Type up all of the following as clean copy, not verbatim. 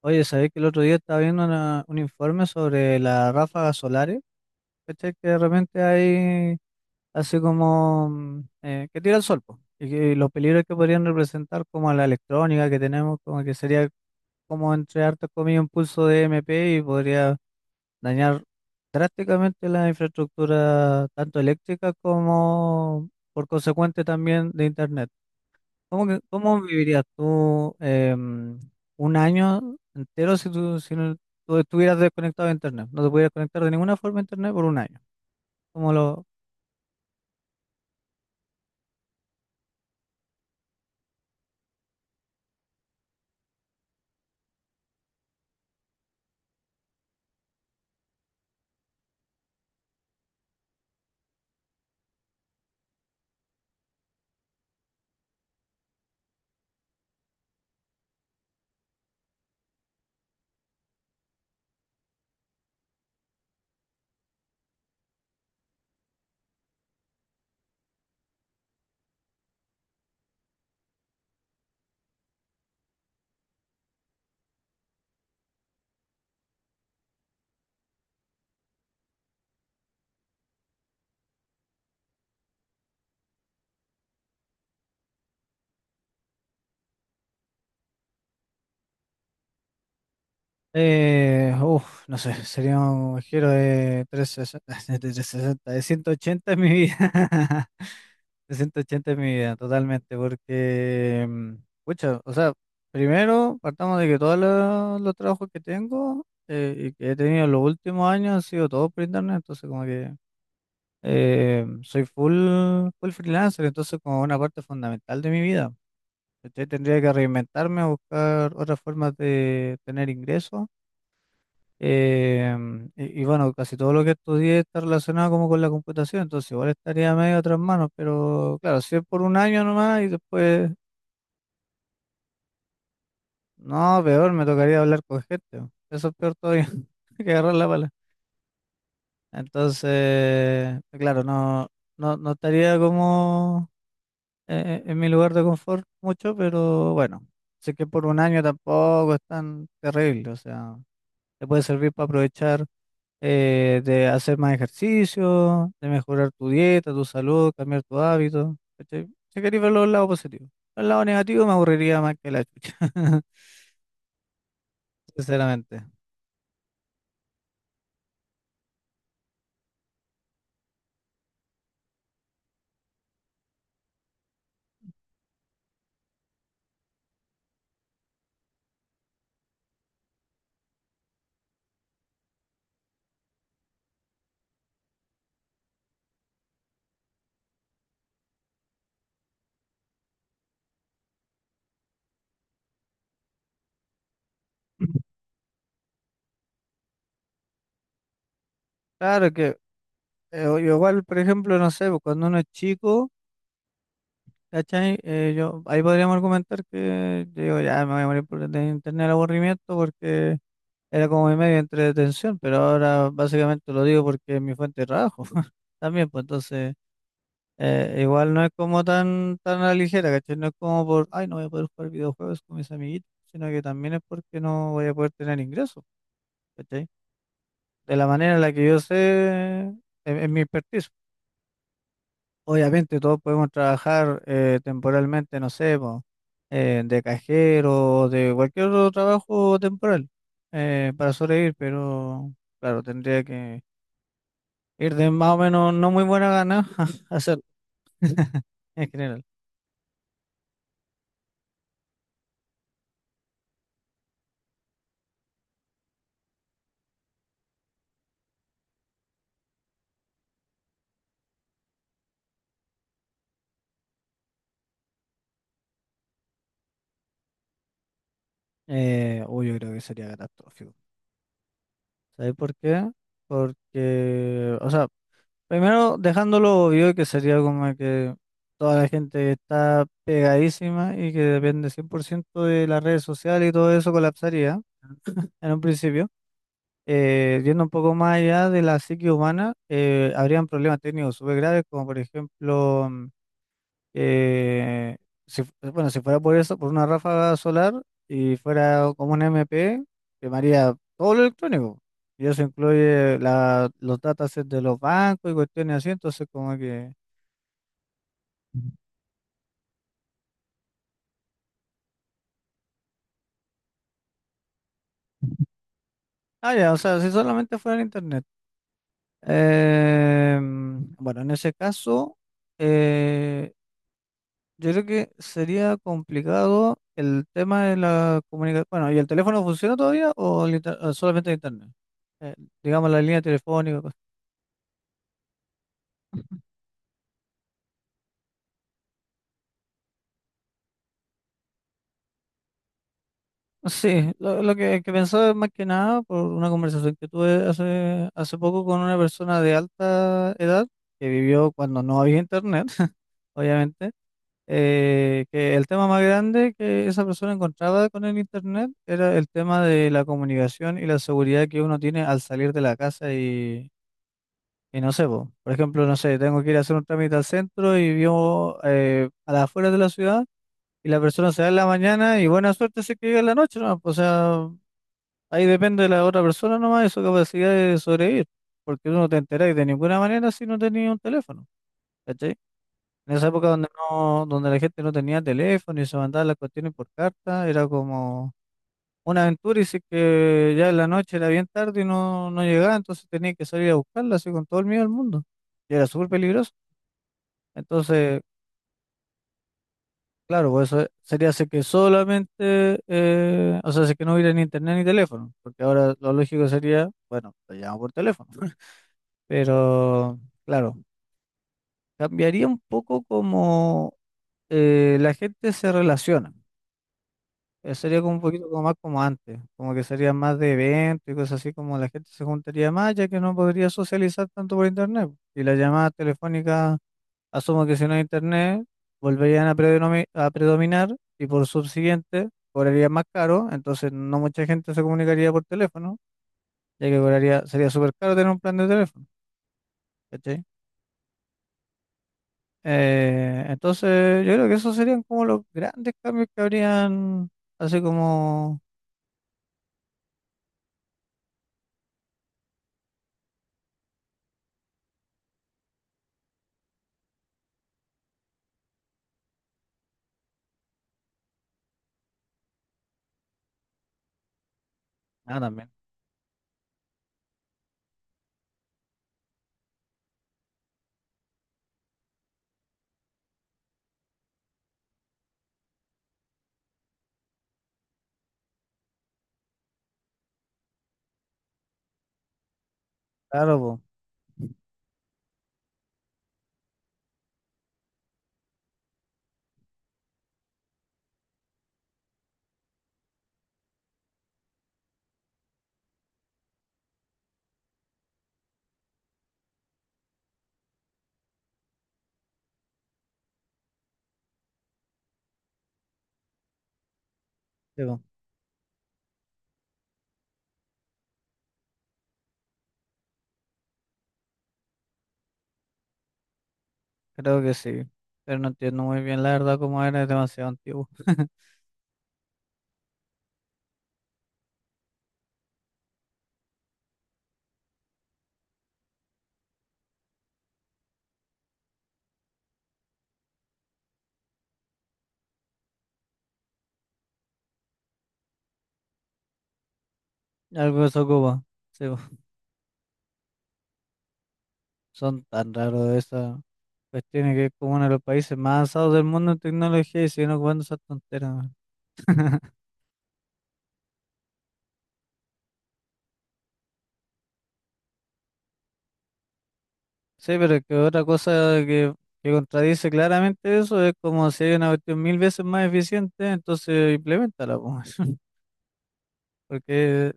Oye, ¿sabés que el otro día estaba viendo un informe sobre las ráfagas solares? ¿Cachai? Que de repente hay así como que tira el sol, po, y que los peligros que podrían representar como a la electrónica que tenemos, como que sería como entre hartas comillas un pulso de MP y podría dañar drásticamente la infraestructura tanto eléctrica como por consecuente también de internet. ¿Cómo, cómo vivirías tú un año entero si tú, tú estuvieras desconectado de internet? No te pudieras conectar de ninguna forma a internet por un año. ¿Cómo lo...? No sé, sería un giro de 360, de 360, de 180 en mi vida. De 180 en mi vida, totalmente, porque... pucha, o sea, primero partamos de que todos los trabajos que tengo y que he tenido en los últimos años han sido todos por internet, entonces como que... soy full freelancer, entonces como una parte fundamental de mi vida. ¿Cachai? Tendría que reinventarme, buscar otras formas de tener ingresos. eh, y bueno, casi todo lo que estudié está relacionado como con la computación, entonces igual estaría medio a otras manos, pero claro, si es por un año nomás y después, no, peor, me tocaría hablar con gente. Eso es peor todavía que agarrar la pala. Entonces, claro, no estaría como es mi lugar de confort mucho, pero bueno, sé que por un año tampoco es tan terrible, o sea, te puede servir para aprovechar de hacer más ejercicio, de mejorar tu dieta, tu salud, cambiar tu hábito. ¿Cachai? Si querés ver los lados positivos. El lado negativo me aburriría más que la chucha, sinceramente. Claro que igual, por ejemplo, no sé, pues, cuando uno es chico, ¿cachai? Ahí podríamos argumentar que yo digo, ya me voy a morir por de internet el aburrimiento. Era como mi medio de entretención, pero ahora básicamente lo digo porque es mi fuente de trabajo también, pues entonces igual no es como tan a la ligera. ¿Cachai? No es como por, ay, no voy a poder jugar videojuegos con mis amiguitos, sino que también es porque no voy a poder tener ingresos. ¿Cachai? De la manera en la que yo sé, en mi expertise. Obviamente todos podemos trabajar temporalmente, no sé, po, de cajero, de cualquier otro trabajo temporal para sobrevivir, pero claro, tendría que ir de más o menos no muy buena gana a hacer en general. Yo creo que sería catastrófico. ¿Sabes por qué? Porque, o sea, primero dejándolo obvio que sería como que toda la gente está pegadísima y que depende 100% de las redes sociales y todo eso colapsaría en un principio. Yendo un poco más allá de la psique humana, habrían problemas técnicos súper graves, como por ejemplo. Eh, bueno, si fuera por eso, por una ráfaga solar y fuera como un MP, quemaría todo lo electrónico. Y eso incluye los datasets de los bancos y cuestiones así, entonces como que... Ah, ya, o sea, si solamente fuera el internet. Bueno, en ese caso, eh, yo creo que sería complicado el tema de la comunicación. Bueno, ¿y el teléfono funciona todavía o el o solamente el internet? Eh, digamos la línea telefónica. Sí, que pensaba es más que nada por una conversación que tuve hace poco con una persona de alta edad que vivió cuando no había internet, obviamente, que el tema más grande que esa persona encontraba con el internet era el tema de la comunicación y la seguridad que uno tiene al salir de la casa y no sé, po, por ejemplo, no sé, tengo que ir a hacer un trámite al centro y vivo a las afueras de la ciudad y la persona se va en la mañana y buena suerte se que llega en la noche, ¿no? O sea... Ahí depende de la otra persona nomás y su capacidad de sobrevivir, porque tú no te enterás de ninguna manera si no tenías un teléfono, ¿cachai? En esa época donde donde la gente no tenía teléfono y se mandaban las cuestiones por carta, era como una aventura y sí que ya en la noche era bien tarde y no llegaba, entonces tenía que salir a buscarla así con todo el miedo del mundo. Y era súper peligroso. Entonces, claro, pues eso sería así que solamente, o sea, así que no hubiera ni internet ni teléfono, porque ahora lo lógico sería, bueno, te llamo por teléfono. Pero, claro, cambiaría un poco como la gente se relaciona. Sería como un poquito como más como antes, como que sería más de eventos y cosas así, como la gente se juntaría más, ya que no podría socializar tanto por internet. Y las llamadas telefónicas, asumo que si no hay internet, volverían a, a predominar y por subsiguiente cobraría más caro, entonces no mucha gente se comunicaría por teléfono, ya que cobraría, sería súper caro tener un plan de teléfono, ¿cachai? Entonces, yo creo que esos serían como los grandes cambios que habrían, así como... Ah, también. Claro, po, sí, po, creo que sí, pero no entiendo muy bien la verdad cómo era, es demasiado antiguo. Algo de ocupa, sí, po, son tan raros esas cuestiones que es como uno de los países más avanzados del mundo en tecnología y siguen ocupando esas tonteras, man. Sí, pero es que otra cosa que, que contradice claramente eso es como si hay una cuestión mil veces más eficiente, entonces implementala, porque,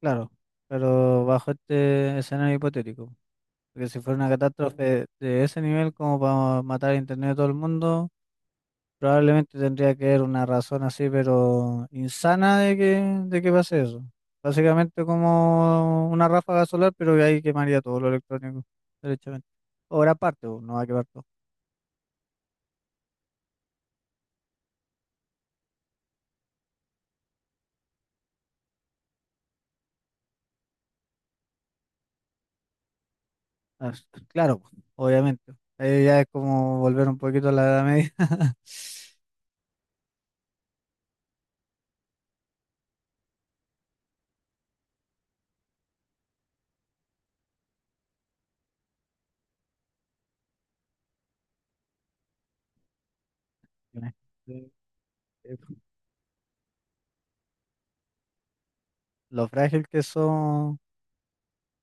claro, pero bajo este escenario hipotético, porque si fuera una catástrofe de ese nivel como para matar a internet a todo el mundo, probablemente tendría que haber una razón así, pero insana de que pase eso. Básicamente como una ráfaga solar, pero que ahí quemaría todo lo electrónico, derechamente. O gran parte, pues, no va a quemar todo. Ah, Claro, pues, obviamente. Ahí ya es como volver un poquito a la Edad Media. Sí, eh, lo frágil que son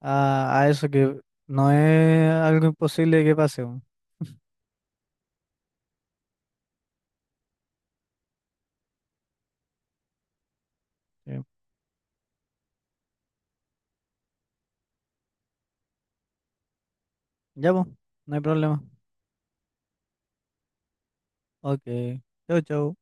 a eso que no es algo imposible que pase, weón. Sí. Ya, pues, no hay problema. Ok, chau, chau.